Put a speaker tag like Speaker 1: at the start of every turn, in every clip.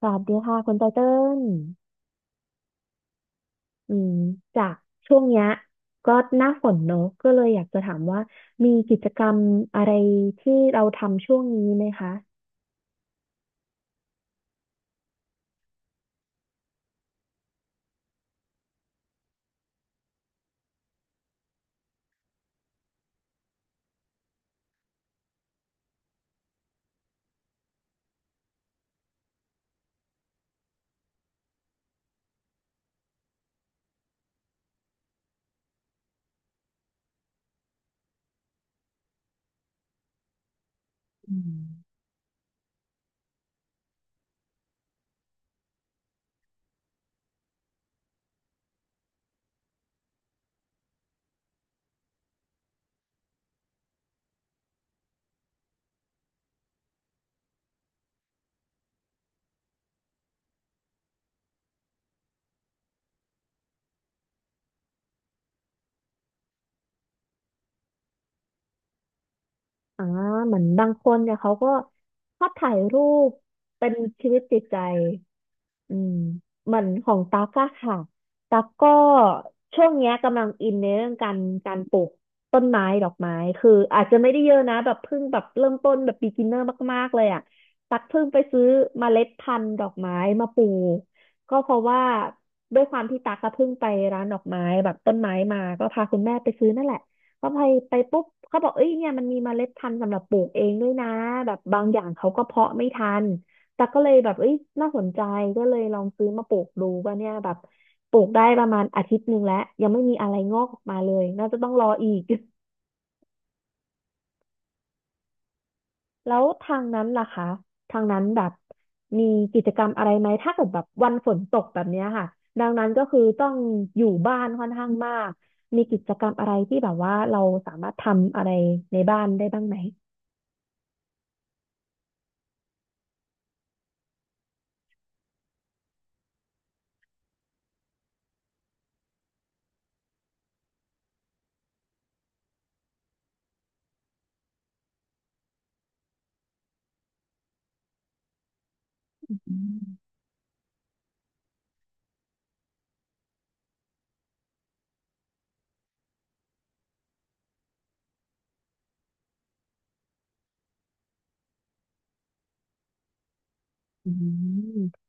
Speaker 1: สวัสดีค่ะคุณไตเติ้ลอืมจากช่วงเนี้ยก็หน้าฝนเนอะก็เลยอยากจะถามว่ามีกิจกรรมอะไรที่เราทำช่วงนี้ไหมคะอืม อ่าเหมือนบางคนเนี่ยเขาก็ชอบถ่ายรูปเป็นชีวิตจิตใจอืมเหมือนของตั๊กอะค่ะตั๊กก็ช่วงเนี้ยกำลังอินในเรื่องการปลูกต้นไม้ดอกไม้คืออาจจะไม่ได้เยอะนะแบบเพิ่งแบบเริ่มต้นแบบ beginner มากๆเลยอะตั๊กเพิ่งไปซื้อเมล็ดพันธุ์ดอกไม้มาปลูกก็เพราะว่าด้วยความที่ตั๊กก็เพิ่งไปร้านดอกไม้แบบต้นไม้มาก็พาคุณแม่ไปซื้อนั่นแหละ ก็ไปไปปุ๊บเขาบอกเอ้ยเนี่ยมันมีเมล็ดพันธุ์สำหรับปลูกเองด้วยนะแบบบางอย่างเขาก็เพาะไม่ทันแต่ก็เลยแบบเอ้ยน่าสนใจก็เลยลองซื้อมาปลูกดูว่าเนี่ยแบบปลูกได้ประมาณอาทิตย์หนึ่งแล้วยังไม่มีอะไรงอกออกมาเลยน่าจะต้องรออีก แล้วทางนั้นล่ะคะทางนั้นแบบมีกิจกรรมอะไรไหมถ้าเกิดแบบวันฝนตกแบบเนี้ยค่ะดังนั้นก็คือต้องอยู่บ้านค่อนข้างมากมีกิจกรรมอะไรที่แบบว่าเราสามารถทำอะไรในบ้านได้บ้างไหมอืม อืม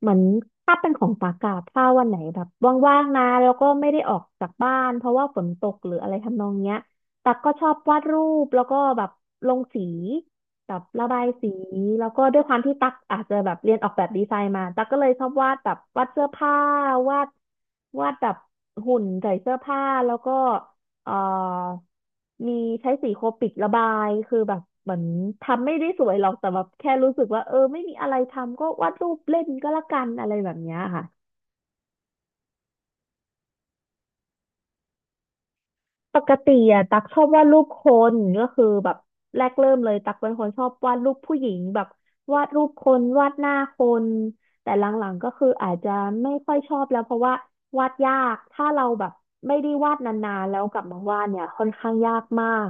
Speaker 1: เหมือนถ้าเป็นของปากกาถ้าวันไหนแบบว่างๆนะแล้วก็ไม่ได้ออกจากบ้านเพราะว่าฝนตกหรืออะไรทำนองเนี้ยตักก็ชอบวาดรูปแล้วก็แบบลงสีแบบระบายสีแล้วก็ด้วยความที่ตักอาจจะแบบเรียนออกแบบดีไซน์มาตักก็เลยชอบวาดแบบวาดเสื้อผ้าวาดวาดแบบหุ่นใส่เสื้อผ้าแล้วก็ เอ่อมีใช้สีโคปิกระบายคือแบบเหมือนทำไม่ได้ส ปกติอะตักชอบวาดรูปคนก็คือแบบแรกเริ่มเลยตักเป็นคนชอบวาดรูปผู้หญิงแบบวาดรูปคนวาดหน้าคนแต่หลังๆก็คืออาจจะไม่ค่อยชอบแล้วเพราะว่าวาดยากถ้าเราแบบไม่ได้วาดนานๆแล้วกลับมาวาดเนี่ยค่อนข้างยากมาก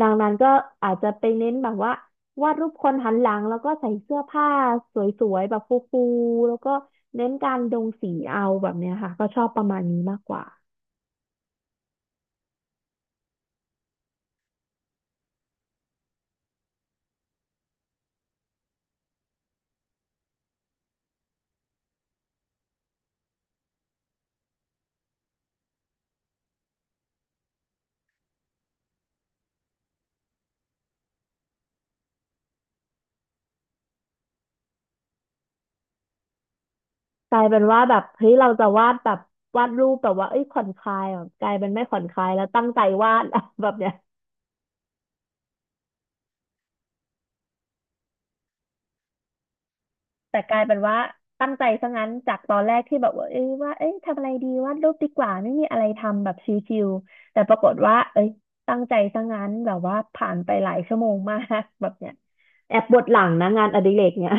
Speaker 1: ดังนั้นก็อาจจะไปเน้นแบบว่าวาดรูปคนหันหลังแล้วก็ใส่เสื้อผ้าสวยๆแบบฟูๆแล้วก็เน้นการลงสีเอาแบบเนี้ยค่ะก็ชอบประมาณนี้มากกว่า กลายเป็นว่าแบบเฮ้ยเราจะวาดแบบวาดรูปแบบว่าเอ้ยผ่อนคลายอ่ะกลายเป็นไม่ผ่อนคลายแล้วตั้งใจวาด แบบเนี้ยแต่กลายเป็นว่าตั้งใจซะงั้นจากตอนแรกที่แบบว่าเอ้ยทำอะไรดีวาดรูปดีกว่าไม่มีอะไรทำแบบชิลๆแต่ปรากฏว่าเอ้ยตั้งใจซะงั้นแบบว่าผ่านไปหลายชั่วโมงมาก แบบเนี้ยแอบปวดหลังนะงานอดิเรกเนี้ย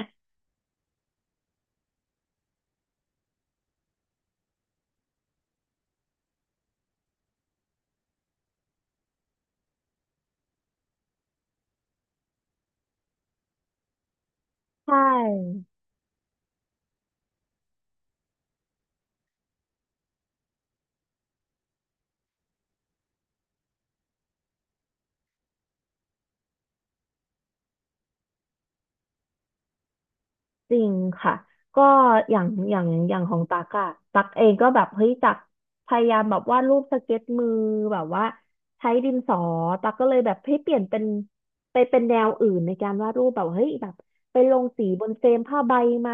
Speaker 1: ใช่ จริงค่ะก็อย่างของตักอะตักเองก็แบบเฮ้ยตักพยายามแบบวาดรูปสเก็ตมือแบบว่าใช้ดินสอตักก็เลยแบบให้เปลี่ยนเป็นไปเป็นแนวอื่นในการวาดรูปแบบเฮ้ยแบบไปลงสีบนเฟรมผ้าใบไหม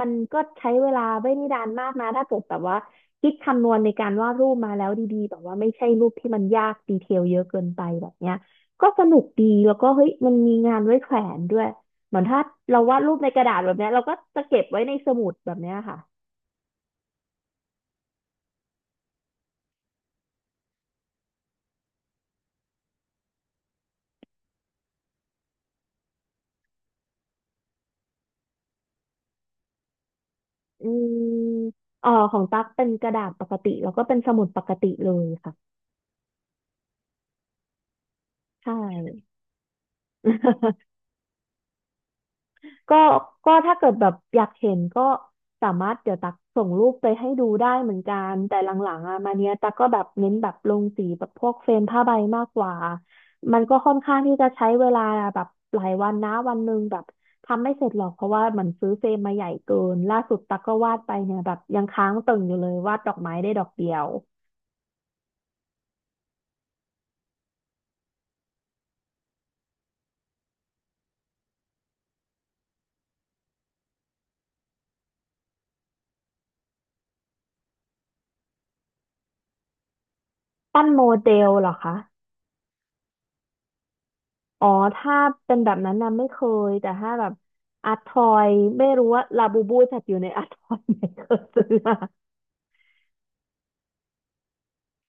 Speaker 1: มันก็ใช้เวลาไม่ได้นานมากนะถ้าเกิดแบบว่าคิดคำนวณในการวาดรูปมาแล้วดีๆแบบว่าไม่ใช่รูปที่มันยากดีเทลเยอะเกินไปแบบเนี้ยก็สนุกดีแล้วก็เฮ้ยมันมีงานไว้แขวนด้วย เหมือนถ้าเราวาดรูปในกระดาษแบบเนี้ยเราก็จะเก็บไว้ในสมุดแบบเนี้ยค่ะ อืมอ๋อของตั๊กเป็นกระดาษปกติแล้วก็เป็นสมุดปกติเลยค่ะ ใช่ ก็ถ้าเกิดแบบอยากเห็นก็สามารถเดี๋ยวตักส่งรูปไปให้ดูได้เหมือนกันแต่หลังๆอ่ะมาเนี้ยตักก็แบบเน้นแบบลงสีแบบพวกเฟรมผ้าใบมากกว่ามันก็ค่อนข้างที่จะใช้เวลาแบบหลายวันนะวันหนึ่งแบบทำไม่เสร็จหรอกเพราะว่ามันซื้อเฟรมมาใหญ่เกินล่าสุดตักก็วาดไปเนี่ยแบบยังค้างตึงอยู่เลยวาดดอกไม้ได้ดอกเดียวปั้นโมเดลเหรอคะ อ๋อถ้าเป็นแบบนั้นนะไม่เคยแต่ถ้าแบบอาร์ตทอยไม่รู้ว่าลาบูบูจัดอยู่ในอาร์ตทอยไหม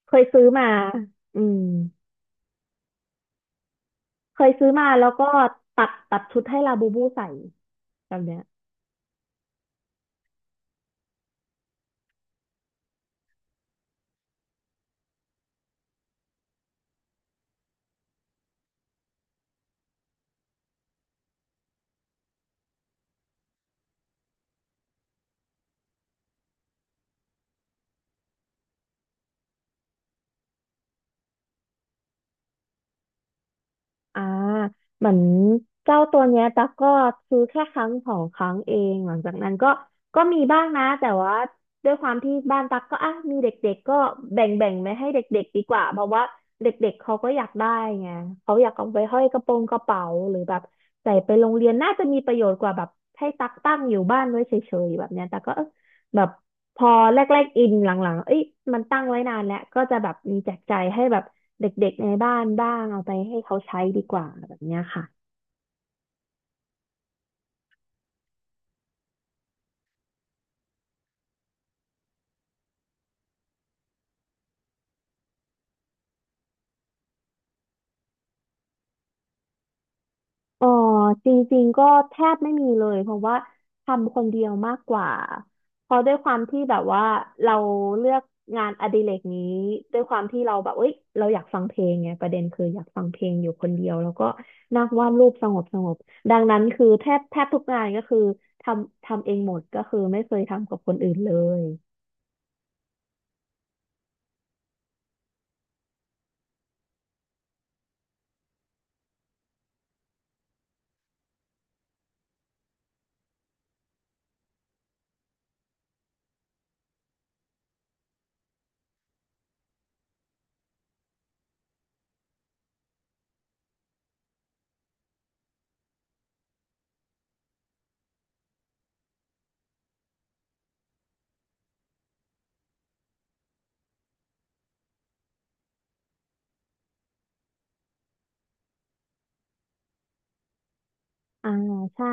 Speaker 1: เคยซื้อมาเคยซื้อมาอืมเคยซื้อมาแล้วก็ตัดชุดให้ลาบูบูใส่แบบเนี้ย อ่าเหมือนเจ้าตัวเนี้ยตั๊กก็ซื้อแค่ครั้งสองครั้งเองหลังจากนั้นก็มีบ้างนะแต่ว่าด้วยความที่บ้านตั๊กก็อ่ะมีเด็กๆก็แบ่งไม่ให้เด็กๆดีกว่าเพราะว่าเด็กๆเขาก็อยากได้ไงเขาอยากเอาไปห้อยกระโปรงกระเป๋าหรือแบบใส่ไปโรงเรียนน่าจะมีประโยชน์กว่าแบบให้ตั๊กตั้งอยู่บ้านไว้เฉยๆแบบเนี้ยแต่กก็เออ แบบพอแรกๆอินหลังๆเอ้ยมันตั้งไว้นานแล้วก็จะแบบมีแจกจ่ายให้แบบเด็กๆในบ้านบ้างเอาไปให้เขาใช้ดีกว่าแบบเนี้ยค่ะ เออจริงๆก็แทบไม่มีเลยเพราะว่าทำคนเดียวมากกว่าเพราะด้วยความที่แบบว่าเราเลือกงานอดิเรกนี้ด้วยความที่เราแบบเอ้ยเราอยากฟังเพลงไงประเด็นคืออยากฟังเพลงอยู่คนเดียวแล้วก็นัางวาดรูปสงบดังนั้นคือแทบทุกงานก็คือทำเองหมดก็คือไม่เคยทำกับคนอื่นเลยอ่าใช่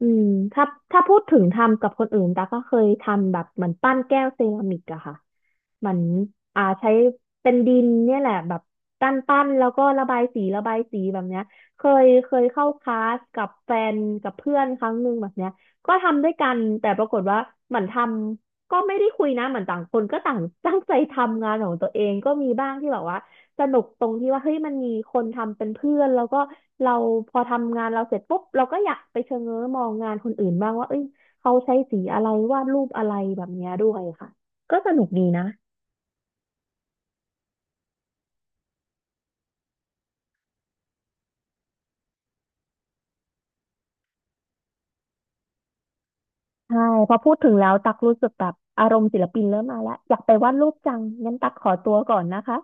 Speaker 1: อืมถ้าพูดถึงทำกับคนอื่นตาก็เคยทำแบบเหมือนปั้นแก้วเซรามิกอะค่ะเหมือนใช้เป็นดินเนี่ยแหละแบบปั้นแล้วก็ระบายสีแบบเนี้ยเคยเข้าคลาสกับแฟนกับเพื่อนครั้งหนึ่งแบบเนี้ยก็ทำด้วยกันแต่ปรากฏว่าเหมือนทำก็ไม่ได้คุยนะเหมือนต่างคนก็ต่าง ตั้งใจทำงานของตัวเองก็มีบ้างที่แบบว่า สนุกตรงที่ว่าเฮ้ยมันมีคนทำเป็นเพื่อนแล้วก็เราพอทำงานเราเสร็จปุ๊บเราก็อยากไปเชงเง้อมองงานคนอื่นบ้างว่าเอ้ยเขาใช้สีอะไรวาดรูปอะไรแบบเนี้ยด้วยค่ะก็สนุกดีนะใช่พอพูดถึงแล้วตักรู้สึกแบบอารมณ์ศิลปินเริ่มมาแล้วอยากไปวาดรูปจังงั้นตักขอตัวก่อนนะคะ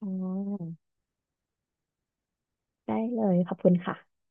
Speaker 1: อ๋อได้เลยขอบคุณค่ะ